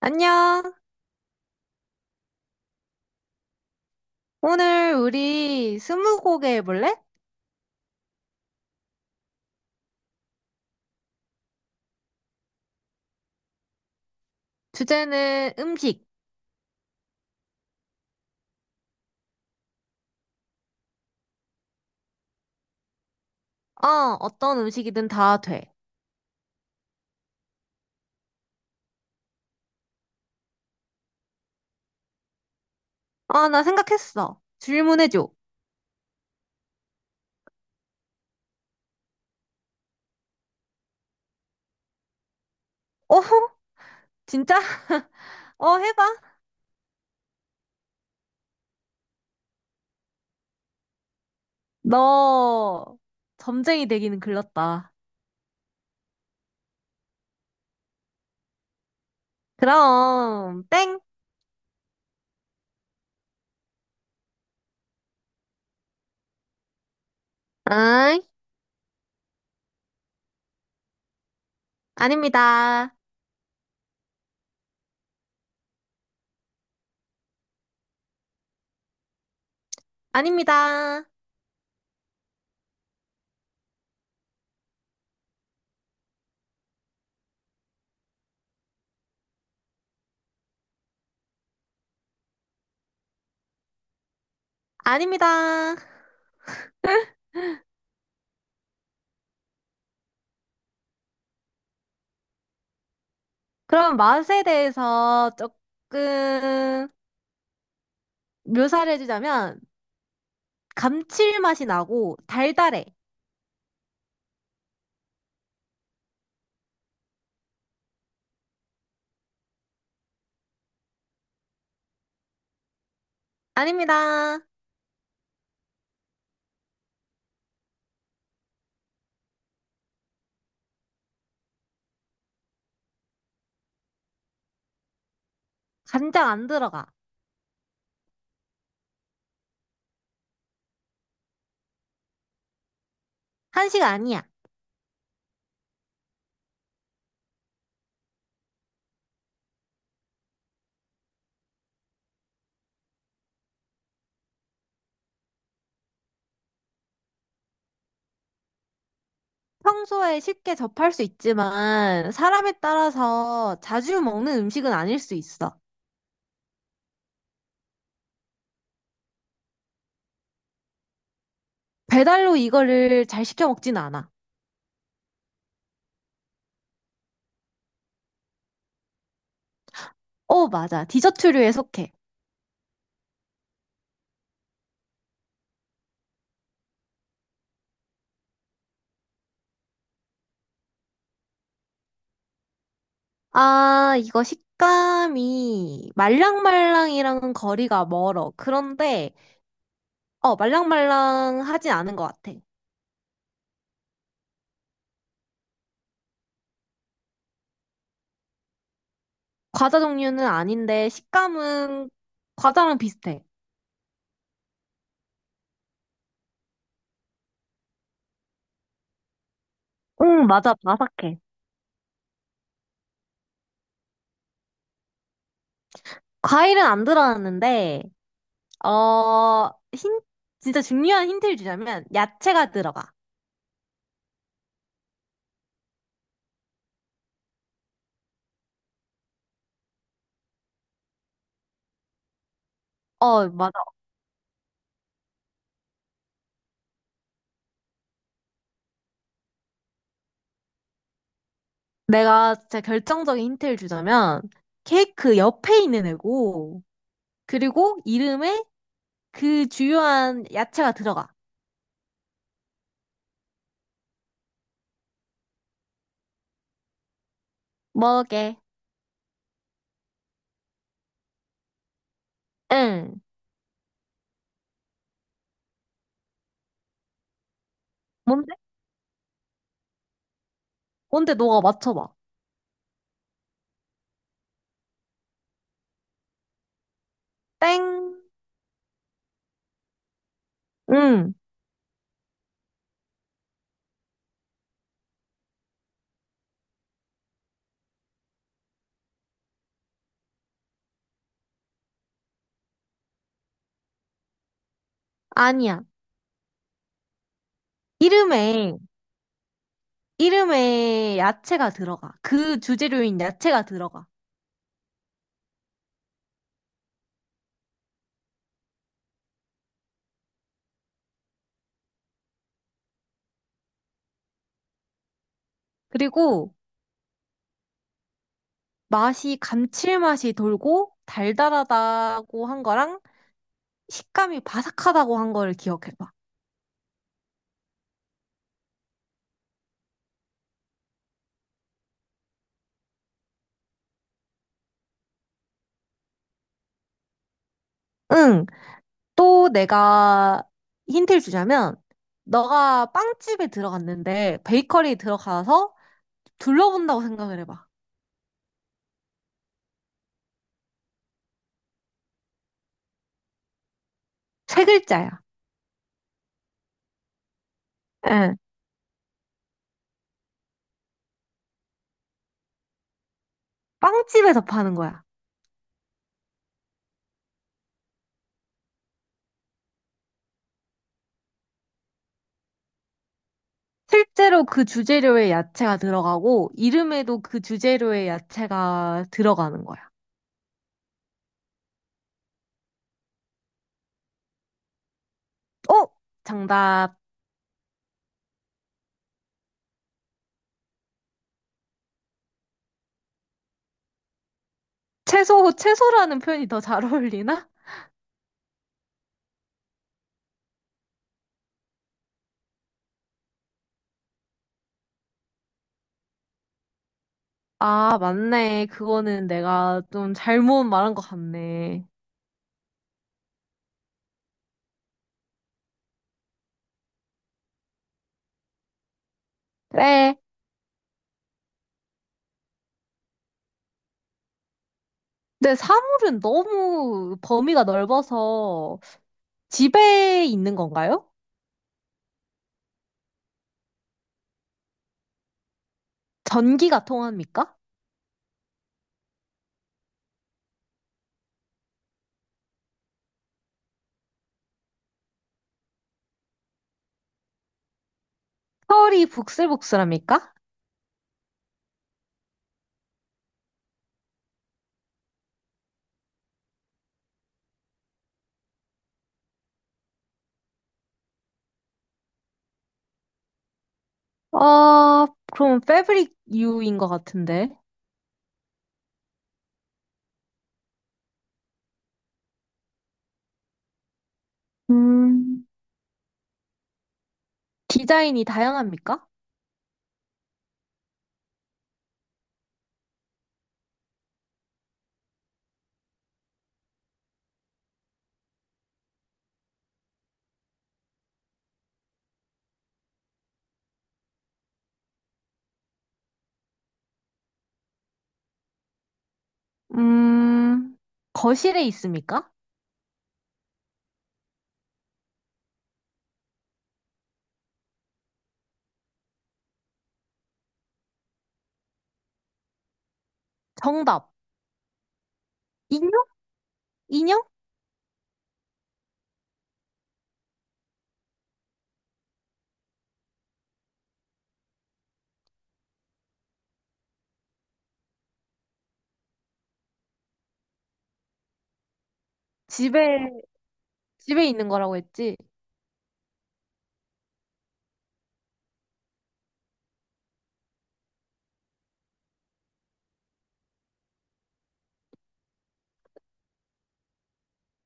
안녕. 오늘 우리 스무고개 해볼래? 주제는 음식. 어, 어떤 음식이든 다 돼. 아, 나 생각했어. 질문해줘. 어허? 진짜? 어, 해봐. 너 점쟁이 되기는 글렀다. 그럼 땡. 아이, 아닙니다. 아닙니다. 아닙니다. 그럼 맛에 대해서 조금 묘사를 해주자면 감칠맛이 나고 달달해. 아닙니다. 간장 안 들어가. 한식 아니야. 평소에 쉽게 접할 수 있지만 사람에 따라서 자주 먹는 음식은 아닐 수 있어. 배달로 이거를 잘 시켜 먹진 않아. 어, 맞아. 디저트류에 속해. 아, 이거 식감이 말랑말랑이랑은 거리가 멀어. 그런데 말랑말랑하진 않은 것 같아. 과자 종류는 아닌데 식감은 과자랑 비슷해. 응, 맞아. 바삭해. 과일은 안 들어갔는데 어, 힌, 진짜 중요한 힌트를 주자면, 야채가 들어가. 어, 맞아. 내가 진짜 결정적인 힌트를 주자면, 케이크 옆에 있는 애고, 그리고 이름에 그 주요한 야채가 들어가. 뭐게? 응. 뭔데? 뭔데 너가 맞춰봐. 땡. 응. 아니야. 이름에, 이름에 야채가 들어가. 그 주재료인 야채가 들어가. 그리고 맛이 감칠맛이 돌고 달달하다고 한 거랑 식감이 바삭하다고 한 거를 기억해봐. 응. 또 내가 힌트를 주자면, 너가 빵집에 들어갔는데, 베이커리에 들어가서 둘러본다고 생각을 해봐. 세 글자야. 응. 빵집에서 파는 거야. 실제로 그 주재료에 야채가 들어가고, 이름에도 그 주재료에 야채가 들어가는 거야. 어? 정답. 채소라는 표현이 더 잘 어울리나? 아, 맞네. 그거는 내가 좀 잘못 말한 것 같네. 그래. 근데 사물은 너무 범위가 넓어서 집에 있는 건가요? 전기가 통합니까? 털이 북슬북슬합니까? 어, 그럼 패브릭 유인 것 같은데. 음, 디자인이 다양합니까? 음, 거실에 있습니까? 정답. 인형? 인형? 집에, 집에 있는 거라고 했지.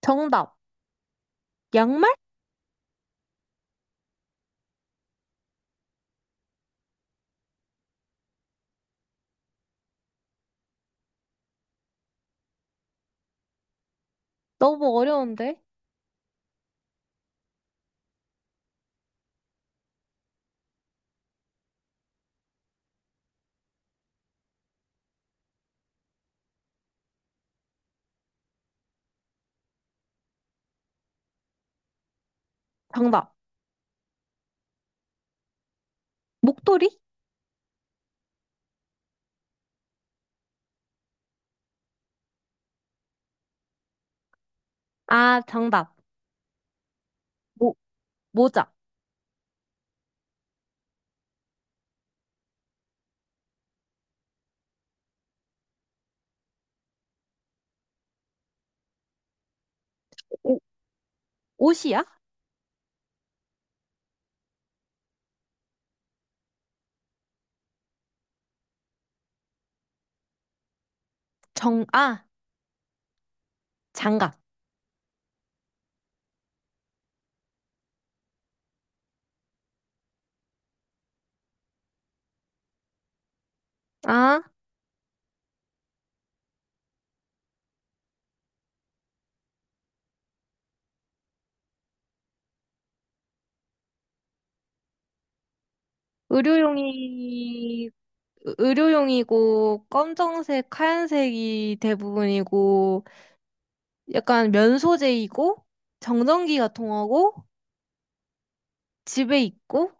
정답. 양말? 너무 어려운데. 정답. 목도리? 아, 정답. 모, 모자. 옷이야? 정, 아, 장갑. 아, 의료용이, 의료용이고, 검정색, 하얀색이 대부분이고, 약간 면 소재이고, 정전기가 통하고, 집에 있고,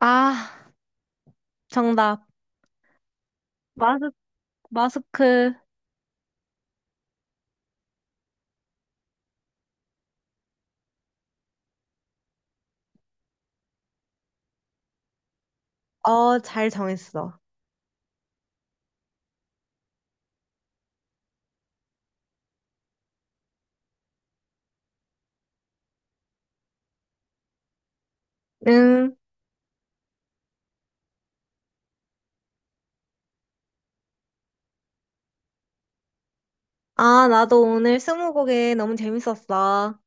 아, 정답. 마스, 마스크. 어, 잘 정했어. 응. 아, 나도 오늘 스무고개 너무 재밌었어.